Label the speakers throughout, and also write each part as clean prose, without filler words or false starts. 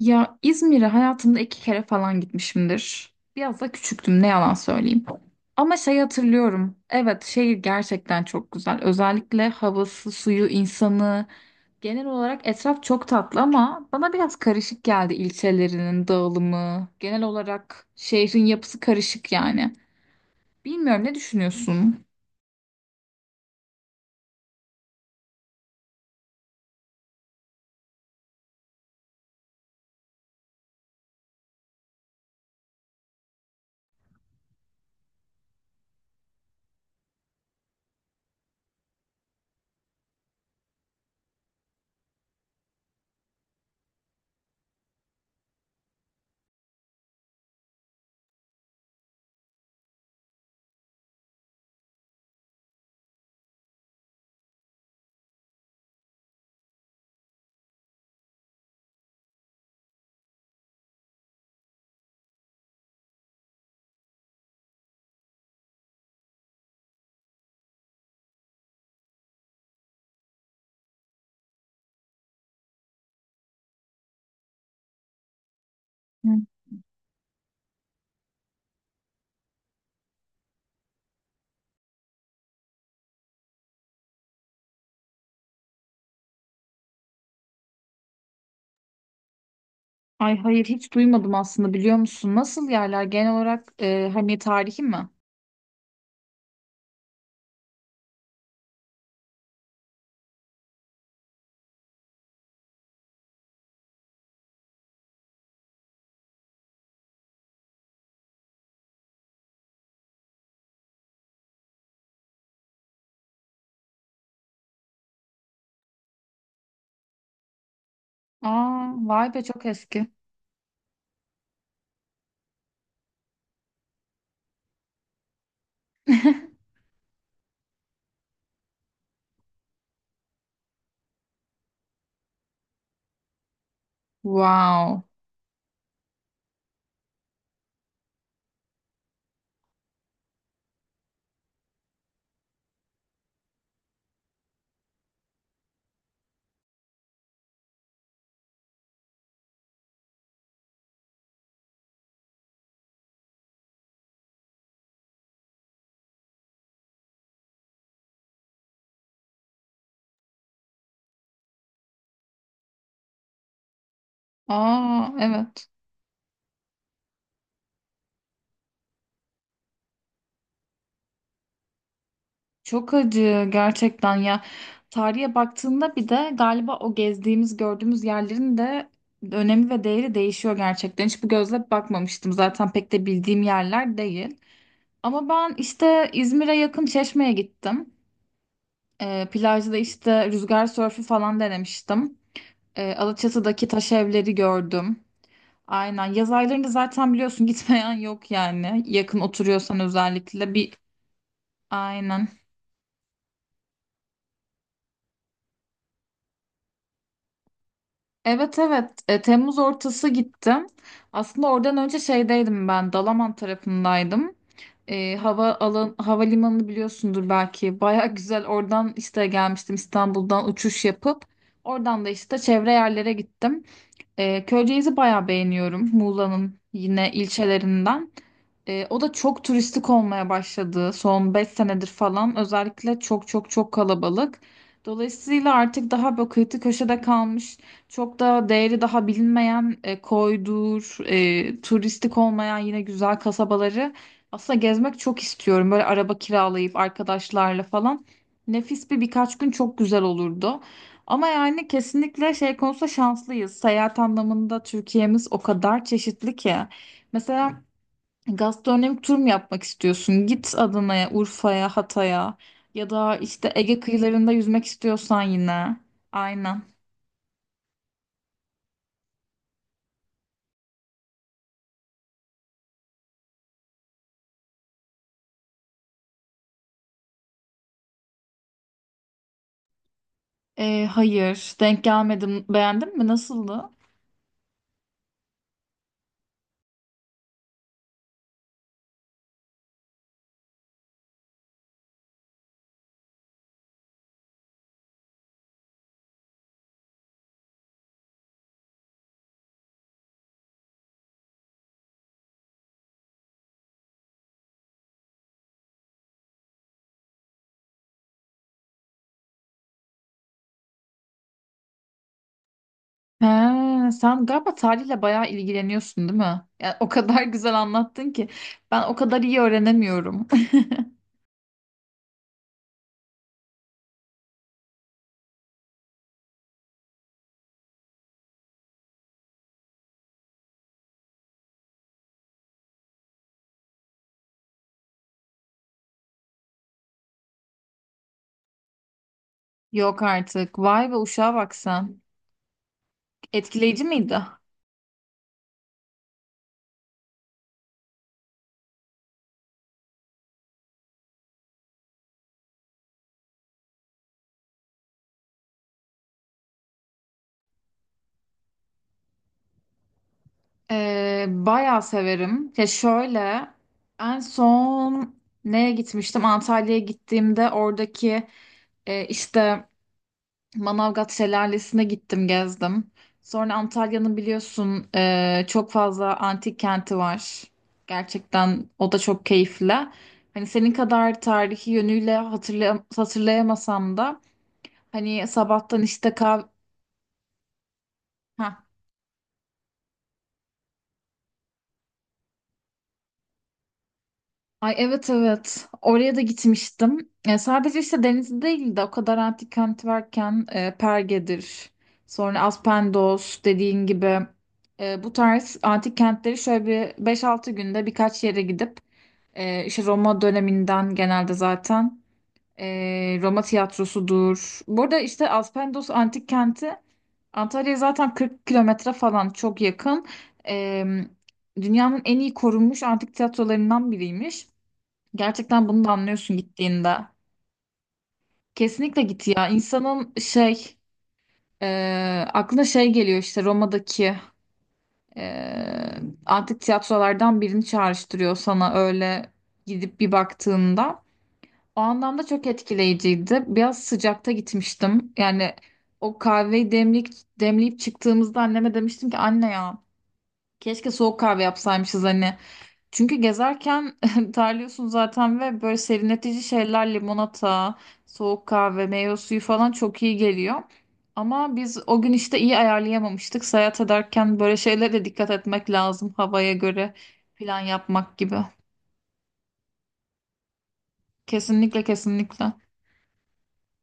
Speaker 1: Ya İzmir'e hayatımda 2 kere falan gitmişimdir. Biraz da küçüktüm, ne yalan söyleyeyim. Ama şey hatırlıyorum. Evet, şehir gerçekten çok güzel. Özellikle havası, suyu, insanı. Genel olarak etraf çok tatlı, ama bana biraz karışık geldi ilçelerinin dağılımı. Genel olarak şehrin yapısı karışık yani. Bilmiyorum, ne düşünüyorsun? Hı. Ay, hayır, hiç duymadım aslında, biliyor musun? Nasıl yerler genel olarak, hani tarihi mi? Aa, vay be, çok eski. Wow. Aa, evet. Çok acı gerçekten ya. Tarihe baktığında, bir de galiba o gezdiğimiz, gördüğümüz yerlerin de önemi ve değeri değişiyor gerçekten. Hiç bu gözle bakmamıştım. Zaten pek de bildiğim yerler değil. Ama ben işte İzmir'e yakın Çeşme'ye gittim. Plajda işte rüzgar sörfü falan denemiştim. Alaçatı'daki taş evleri gördüm. Aynen. Yaz aylarında zaten biliyorsun, gitmeyen yok yani. Yakın oturuyorsan özellikle bir. Aynen. Evet, evet. Temmuz ortası gittim. Aslında oradan önce şeydeydim, ben Dalaman tarafındaydım. Havalimanını biliyorsundur belki. Baya güzel oradan işte gelmiştim, İstanbul'dan uçuş yapıp oradan da işte çevre yerlere gittim. Köyceğiz'i bayağı beğeniyorum. Muğla'nın yine ilçelerinden. O da çok turistik olmaya başladı son 5 senedir falan. Özellikle çok çok çok kalabalık. Dolayısıyla artık daha böyle kıyı köşede kalmış, çok da değeri daha bilinmeyen, koydur, turistik olmayan yine güzel kasabaları aslında gezmek çok istiyorum. Böyle araba kiralayıp arkadaşlarla falan. Nefis bir birkaç gün çok güzel olurdu. Ama yani kesinlikle şey konusunda şanslıyız. Seyahat anlamında Türkiye'miz o kadar çeşitli ki. Mesela gastronomik tur mu yapmak istiyorsun? Git Adana'ya, Urfa'ya, Hatay'a, ya da işte Ege kıyılarında yüzmek istiyorsan yine. Aynen. Hayır, denk gelmedim. Beğendin mi? Nasıldı? He, sen galiba tarihle bayağı ilgileniyorsun, değil mi? Yani o kadar güzel anlattın ki, ben o kadar iyi öğrenemiyorum. Yok artık. Vay be, uşağa bak sen. Etkileyici miydi? Bayağı severim. Ya şöyle, en son neye gitmiştim? Antalya'ya gittiğimde oradaki, işte Manavgat Şelalesi'ne gittim, gezdim. Sonra Antalya'nın biliyorsun, çok fazla antik kenti var. Gerçekten o da çok keyifli. Hani senin kadar tarihi yönüyle hatırlayamasam da, hani sabahtan işte kahve... Ay, evet, evet. Oraya da gitmiştim. Sadece işte deniz değil de, o kadar antik kenti varken, Perge'dir. Sonra Aspendos dediğin gibi. Bu tarz antik kentleri şöyle bir 5-6 günde birkaç yere gidip, işte Roma döneminden genelde zaten, Roma tiyatrosudur. Burada işte Aspendos antik kenti Antalya'ya zaten 40 kilometre falan çok yakın. E, dünyanın en iyi korunmuş antik tiyatrolarından biriymiş. Gerçekten bunu da anlıyorsun gittiğinde. Kesinlikle git ya. İnsanın şey, e, aklına şey geliyor, işte Roma'daki, e, antik tiyatrolardan birini çağrıştırıyor sana, öyle gidip bir baktığında. O anlamda çok etkileyiciydi. Biraz sıcakta gitmiştim. Yani o kahveyi demlik, demleyip çıktığımızda anneme demiştim ki, anne ya, keşke soğuk kahve yapsaymışız hani. Çünkü gezerken terliyorsun zaten, ve böyle serinletici şeyler, limonata, soğuk kahve, meyve suyu falan çok iyi geliyor. Ama biz o gün işte iyi ayarlayamamıştık. Seyahat ederken böyle şeylere de dikkat etmek lazım, havaya göre plan yapmak gibi. Kesinlikle, kesinlikle.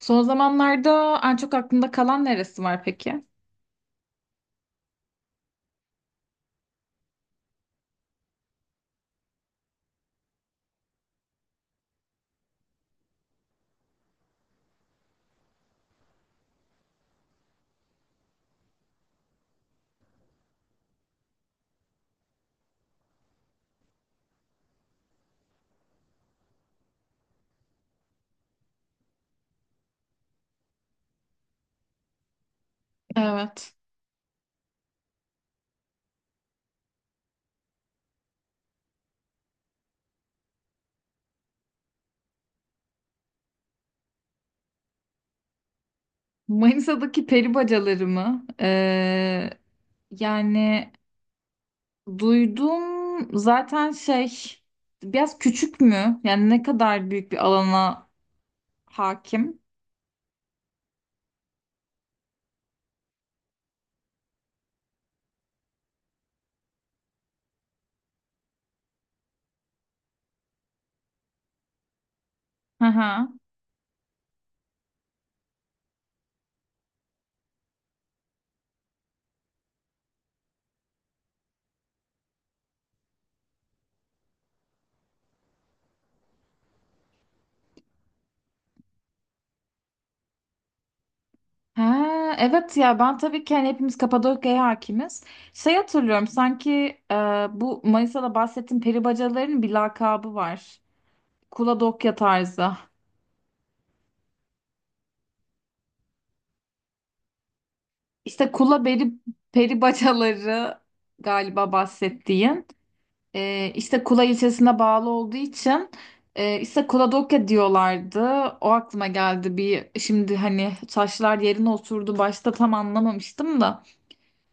Speaker 1: Son zamanlarda en çok aklında kalan neresi var peki? Evet. Manisa'daki peri bacaları mı? Yani duydum zaten, şey, biraz küçük mü? Yani ne kadar büyük bir alana hakim? Hı hı. Ha, evet ya, ben tabii ki, hani hepimiz Kapadokya'ya hakimiz. Şey hatırlıyorum sanki, e, bu Manisa'da bahsettiğim peri bacalarının bir lakabı var. Kuladokya tarzı. İşte kula peri bacaları galiba bahsettiğin. E, işte Kula ilçesine bağlı olduğu için, işte Kapadokya diyorlardı. O aklıma geldi bir şimdi, hani taşlar yerine oturdu. Başta tam anlamamıştım da.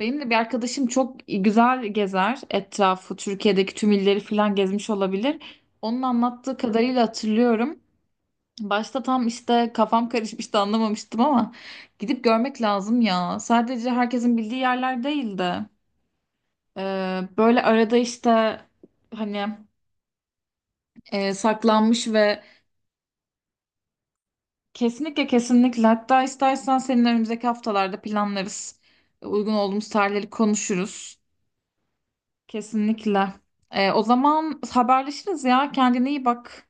Speaker 1: Benim de bir arkadaşım çok güzel gezer etrafı. Türkiye'deki tüm illeri falan gezmiş olabilir. Onun anlattığı kadarıyla hatırlıyorum. Başta tam işte kafam karışmıştı, anlamamıştım, ama gidip görmek lazım ya. Sadece herkesin bildiği yerler değil de, e, böyle arada işte, hani saklanmış ve kesinlikle, kesinlikle, hatta istersen senin önümüzdeki haftalarda planlarız. Uygun olduğumuz tarihleri konuşuruz. Kesinlikle. O zaman haberleşiriz ya. Kendine iyi bak.